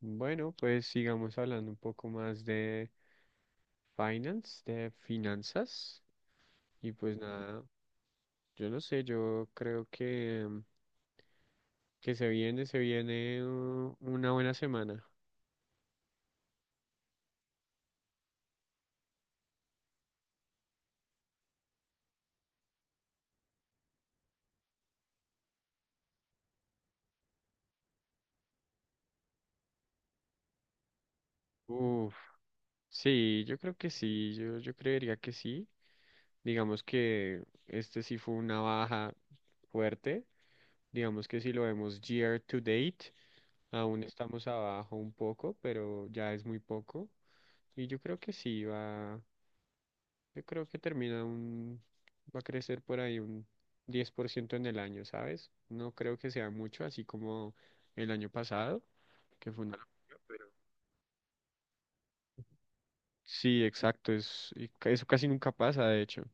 Bueno, pues sigamos hablando un poco más de finance, de finanzas. Y pues nada, yo no sé, yo creo que se viene una buena semana. Uf, sí, yo creo que sí, yo creería que sí. Digamos que este sí fue una baja fuerte. Digamos que si lo vemos year to date, aún estamos abajo un poco, pero ya es muy poco. Y yo creo que sí va. Yo creo que termina un, va a crecer por ahí un 10% en el año, ¿sabes? No creo que sea mucho, así como el año pasado, que fue una locura, pero... Sí, exacto, es, y eso casi nunca pasa, de hecho.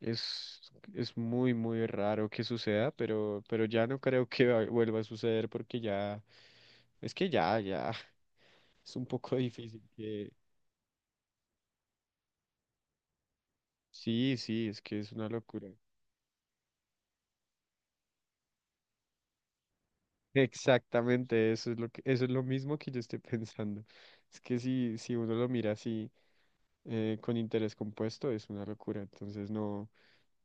Es muy, muy raro que suceda, pero ya no creo que vuelva a suceder porque ya, es que ya, ya, es un poco difícil que... Sí, sí, es que es una locura. Exactamente, eso es lo que, eso es lo mismo que yo estoy pensando. Es que si uno lo mira así con interés compuesto es una locura. Entonces no,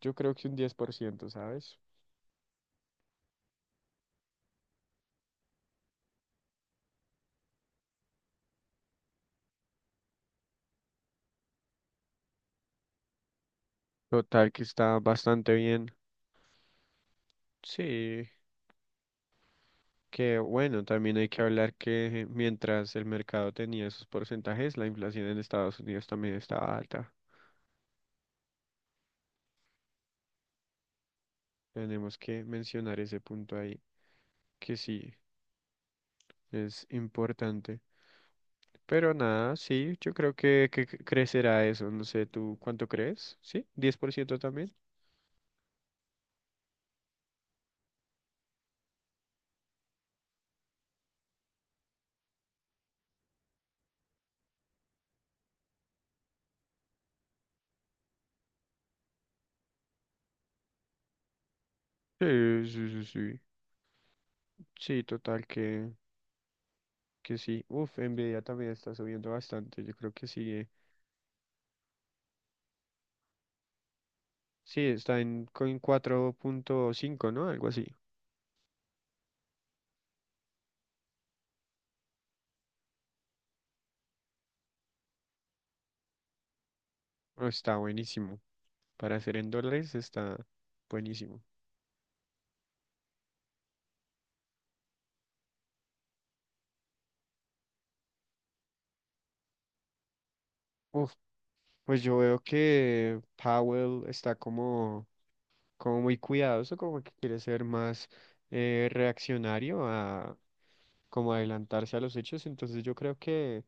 yo creo que un 10%, ¿sabes? Total que está bastante bien. Sí, que bueno, también hay que hablar que mientras el mercado tenía esos porcentajes, la inflación en Estados Unidos también estaba alta. Tenemos que mencionar ese punto ahí, que sí, es importante. Pero nada, sí, yo creo que crecerá eso. No sé, ¿tú cuánto crees? ¿Sí? ¿10% también? Sí, sí, sí, sí. Sí, total que sí. Uf, Nvidia también está subiendo bastante. Yo creo que sigue. Sí, está en, en 4.5, ¿no? Algo así. Oh, está buenísimo. Para hacer en dólares está buenísimo. Uf, pues yo veo que Powell está como, como muy cuidadoso, como que quiere ser más reaccionario, como adelantarse a los hechos, entonces yo creo que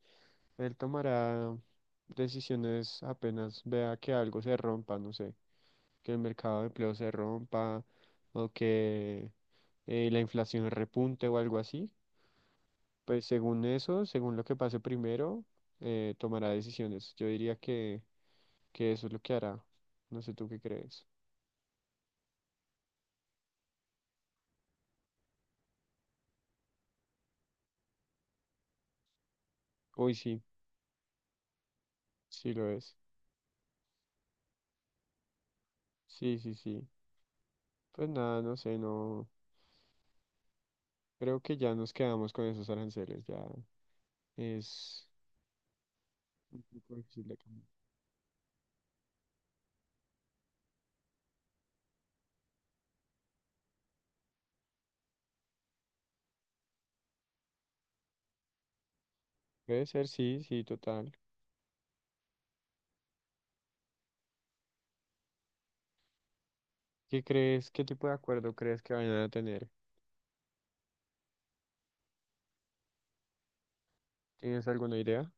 él tomará decisiones apenas vea que algo se rompa, no sé, que el mercado de empleo se rompa o que la inflación repunte o algo así. Pues según eso, según lo que pase primero, tomará decisiones. Yo diría que eso es lo que hará. No sé tú qué crees. Uy, sí, sí lo es. Sí, sí, sí. Pues nada, no sé, no. Creo que ya nos quedamos con esos aranceles, ya es. Un poco difícil de cambiar. Puede ser, sí, sí, total. ¿Qué crees? ¿Qué tipo de acuerdo crees que vayan a tener? ¿Tienes alguna idea?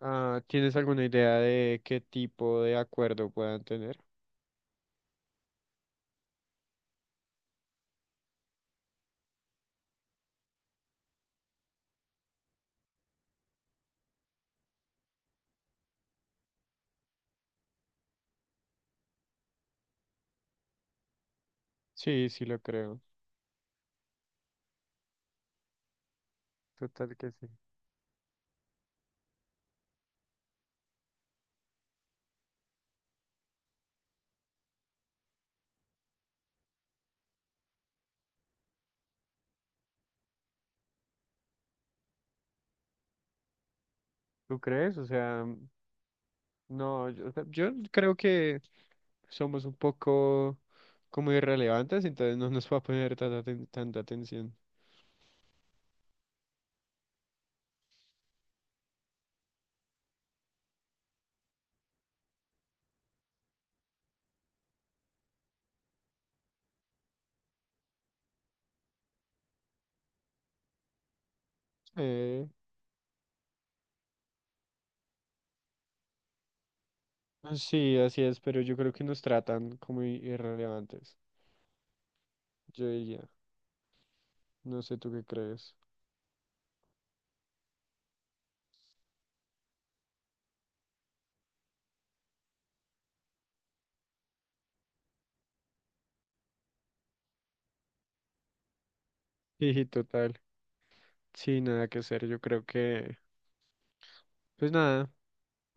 Ah, ¿tienes alguna idea de qué tipo de acuerdo puedan tener? Sí, sí lo creo. Total que sí. ¿Tú crees? O sea, no, yo, o sea, yo creo que somos un poco como irrelevantes, entonces no nos va a poner tanta, tanta atención. Eh, sí, así es, pero yo creo que nos tratan como irrelevantes, yo diría. No sé tú qué crees. Sí, sí, total. Sí, nada que hacer. Yo creo que, pues nada,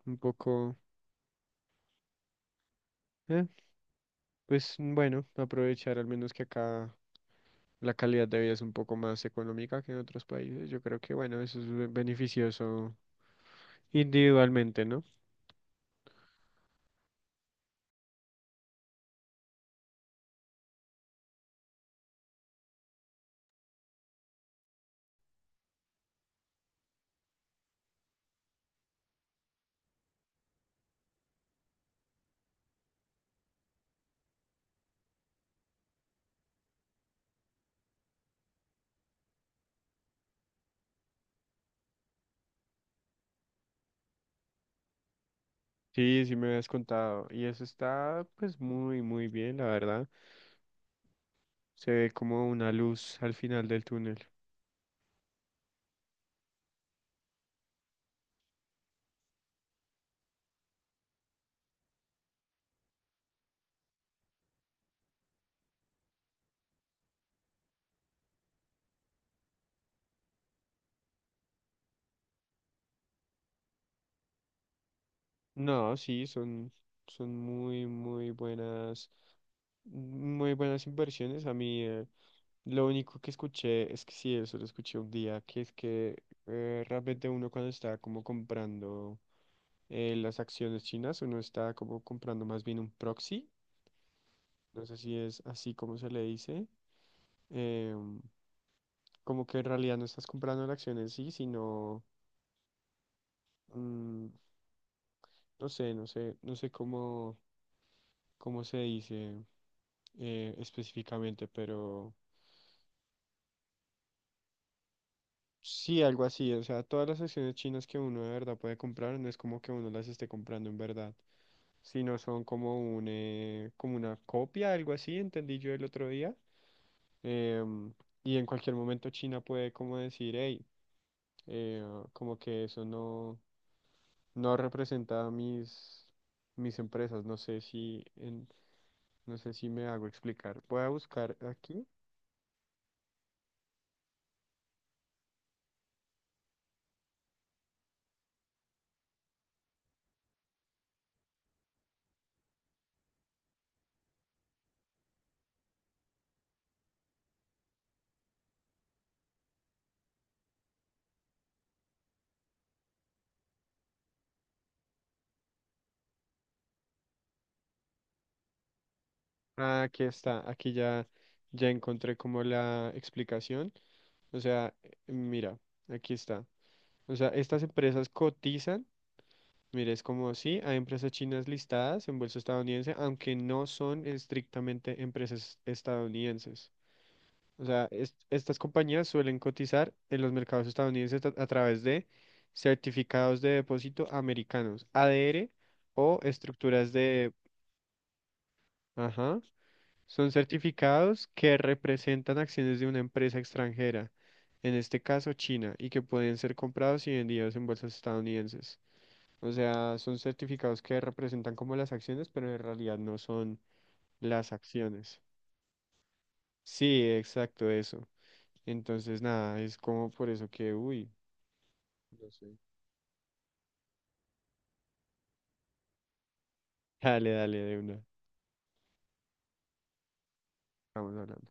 un poco, eh, pues bueno, aprovechar al menos que acá la calidad de vida es un poco más económica que en otros países. Yo creo que, bueno, eso es beneficioso individualmente, ¿no? Sí, sí me habías contado. Y eso está, pues, muy, muy bien, la verdad. Se ve como una luz al final del túnel. No, sí, son, son muy, muy buenas inversiones. A mí, lo único que escuché es que sí, eso lo escuché un día, que es que realmente uno cuando está como comprando las acciones chinas, uno está como comprando más bien un proxy, no sé si es así como se le dice, eh, como que en realidad no estás comprando la acción en sí, sino, mm, no sé cómo, cómo se dice específicamente, pero... Sí, algo así, o sea, todas las acciones chinas que uno de verdad puede comprar, no es como que uno las esté comprando en verdad. Sino son como un, como una copia, algo así, entendí yo el otro día. Em, y en cualquier momento China puede como decir, hey, eh, como que eso no, no representa mis empresas. No sé si me hago explicar. Voy a buscar aquí. Ah, aquí está, aquí ya, ya encontré como la explicación. O sea, mira, aquí está. O sea, estas empresas cotizan. Mira, es como sí, hay empresas chinas listadas en bolsa estadounidense, aunque no son estrictamente empresas estadounidenses. O sea, estas compañías suelen cotizar en los mercados estadounidenses a través de certificados de depósito americanos, ADR o estructuras de... Ajá. Son certificados que representan acciones de una empresa extranjera, en este caso China, y que pueden ser comprados y vendidos en bolsas estadounidenses. O sea, son certificados que representan como las acciones, pero en realidad no son las acciones. Sí, exacto, eso. Entonces, nada, es como por eso que, uy, no sé. Dale, dale, de una. Vamos hablando.